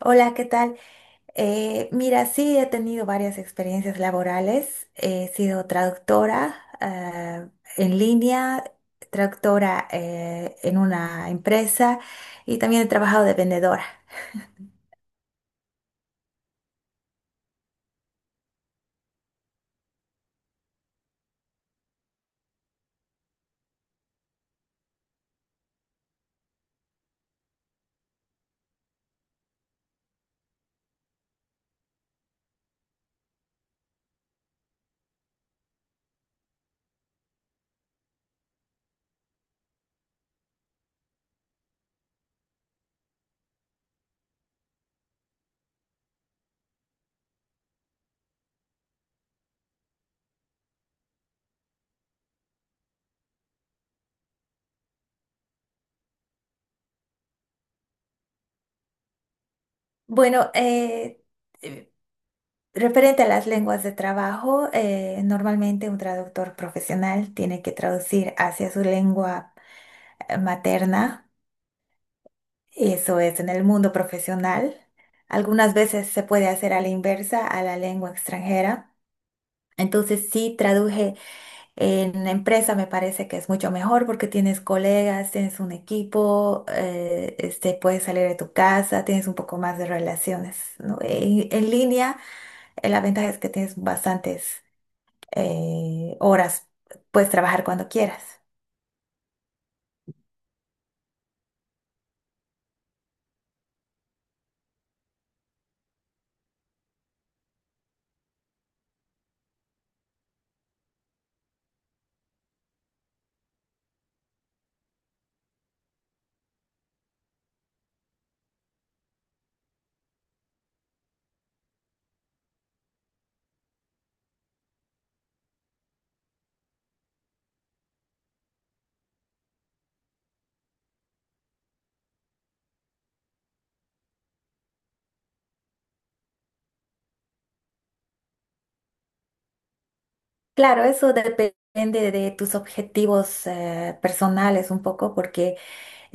Hola, ¿qué tal? Mira, sí he tenido varias experiencias laborales. He sido traductora eh, en línea, traductora en una empresa y también he trabajado de vendedora. Bueno, eh, referente a las lenguas de trabajo, normalmente un traductor profesional tiene que traducir hacia su lengua materna. Eso es, en el mundo profesional. Algunas veces se puede hacer a la inversa, a la lengua extranjera. Entonces, sí, traduje en empresa, me parece que es mucho mejor porque tienes colegas, tienes un equipo, puedes salir de tu casa, tienes un poco más de relaciones, ¿no? En línea, la ventaja es que tienes bastantes horas, puedes trabajar cuando quieras. Claro, eso depende de tus objetivos personales un poco porque...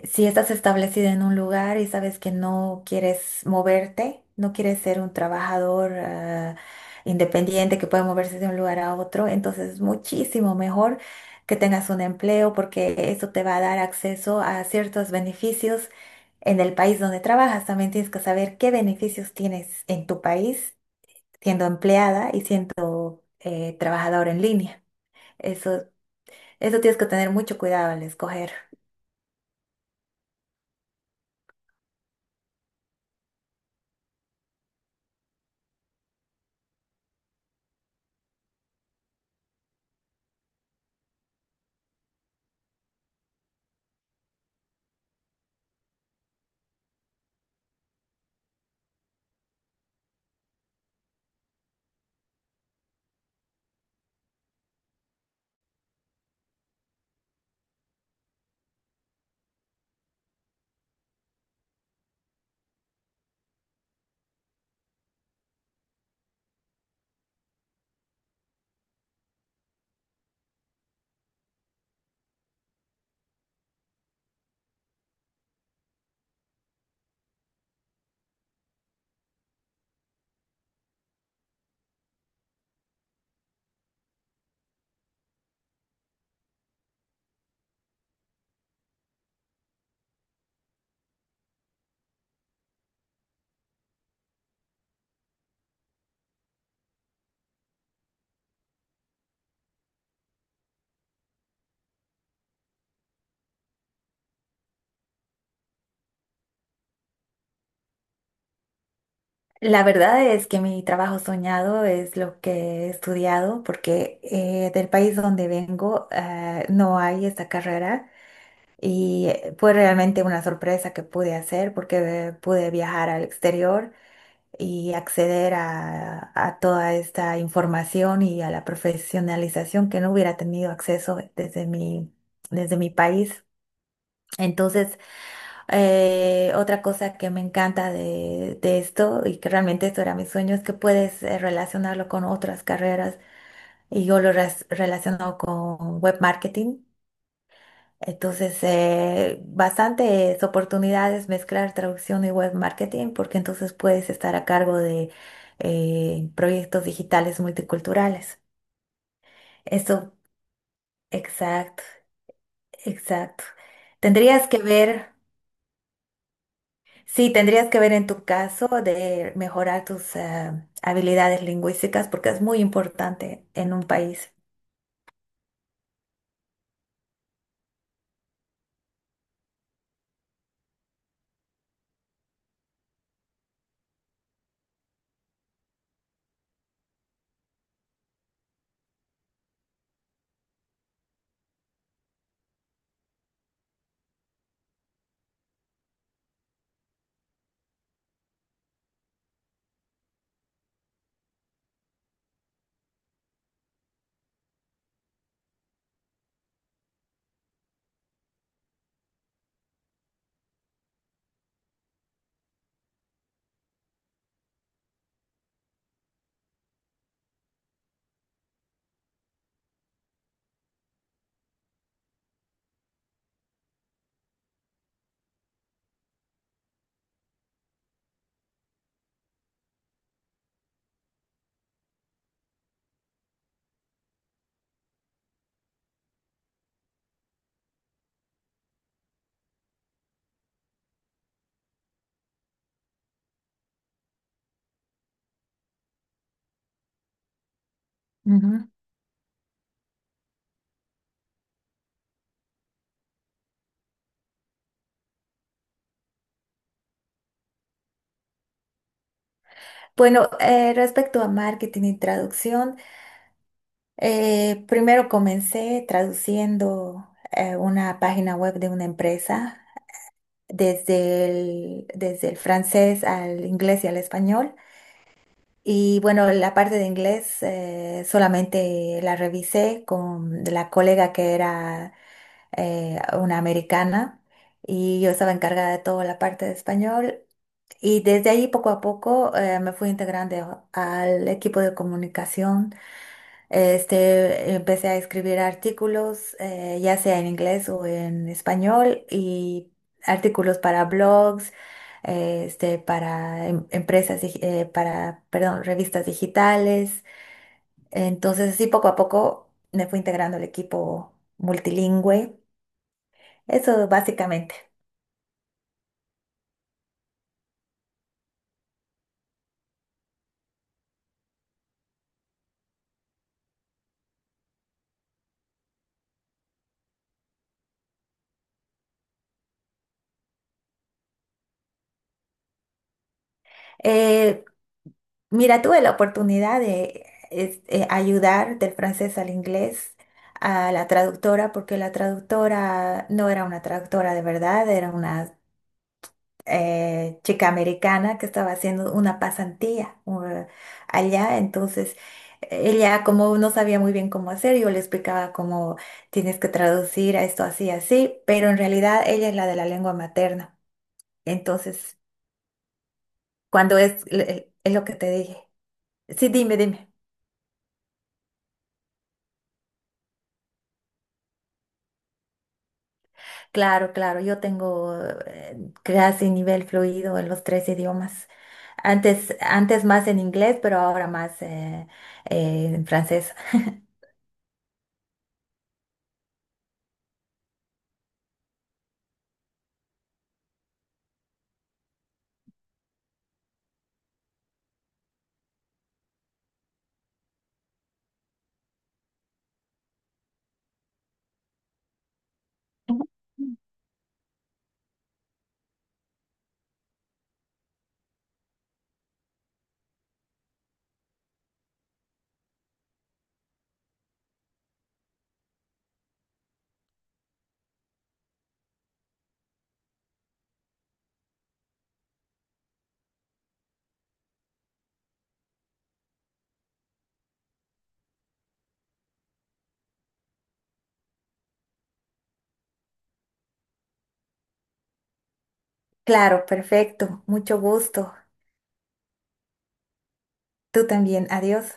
Si estás establecida en un lugar y sabes que no quieres moverte, no quieres ser un trabajador independiente que puede moverse de un lugar a otro, entonces es muchísimo mejor que tengas un empleo porque eso te va a dar acceso a ciertos beneficios en el país donde trabajas. También tienes que saber qué beneficios tienes en tu país siendo empleada y siendo trabajador en línea. Eso, eso tienes que tener mucho cuidado al escoger. La verdad es que mi trabajo soñado es lo que he estudiado porque del país donde vengo no hay esta carrera y fue realmente una sorpresa que pude hacer porque pude viajar al exterior y acceder a toda esta información y a la profesionalización que no hubiera tenido acceso desde mi país. Entonces, otra cosa que me encanta de esto y que realmente esto era mi sueño es que puedes relacionarlo con otras carreras y yo lo relaciono con web marketing. Entonces, bastantes oportunidades mezclar traducción y web marketing porque entonces puedes estar a cargo de proyectos digitales multiculturales. Eso, exacto, exacto. Tendrías que ver. Sí, tendrías que ver en tu caso de mejorar tus habilidades lingüísticas porque es muy importante en un país. Ujú. Bueno, respecto a marketing y traducción, primero comencé traduciendo una página web de una empresa desde el francés al inglés y al español. Y bueno, la parte de inglés solamente la revisé con la colega que era una americana, y yo estaba encargada de toda la parte de español. Y desde ahí poco a poco me fui integrando al equipo de comunicación. Este, empecé a escribir artículos, ya sea en inglés o en español, y artículos para blogs, para empresas, para, perdón, revistas digitales. Entonces, así poco a poco me fui integrando al equipo multilingüe. Eso básicamente. Eh, Mira, tuve la oportunidad de ayudar del francés al inglés a la traductora, porque la traductora no era una traductora de verdad, era una chica americana que estaba haciendo una pasantía allá. Entonces, ella como no sabía muy bien cómo hacer, yo le explicaba cómo tienes que traducir a esto así, así, pero en realidad ella es la de la lengua materna. Entonces, cuando es lo que te dije. Sí, dime, dime. Claro, claro, yo tengo eh, casi nivel fluido en los tres idiomas. Antes más en inglés, pero ahora más en francés. Claro, perfecto. Mucho gusto. Tú también. Adiós.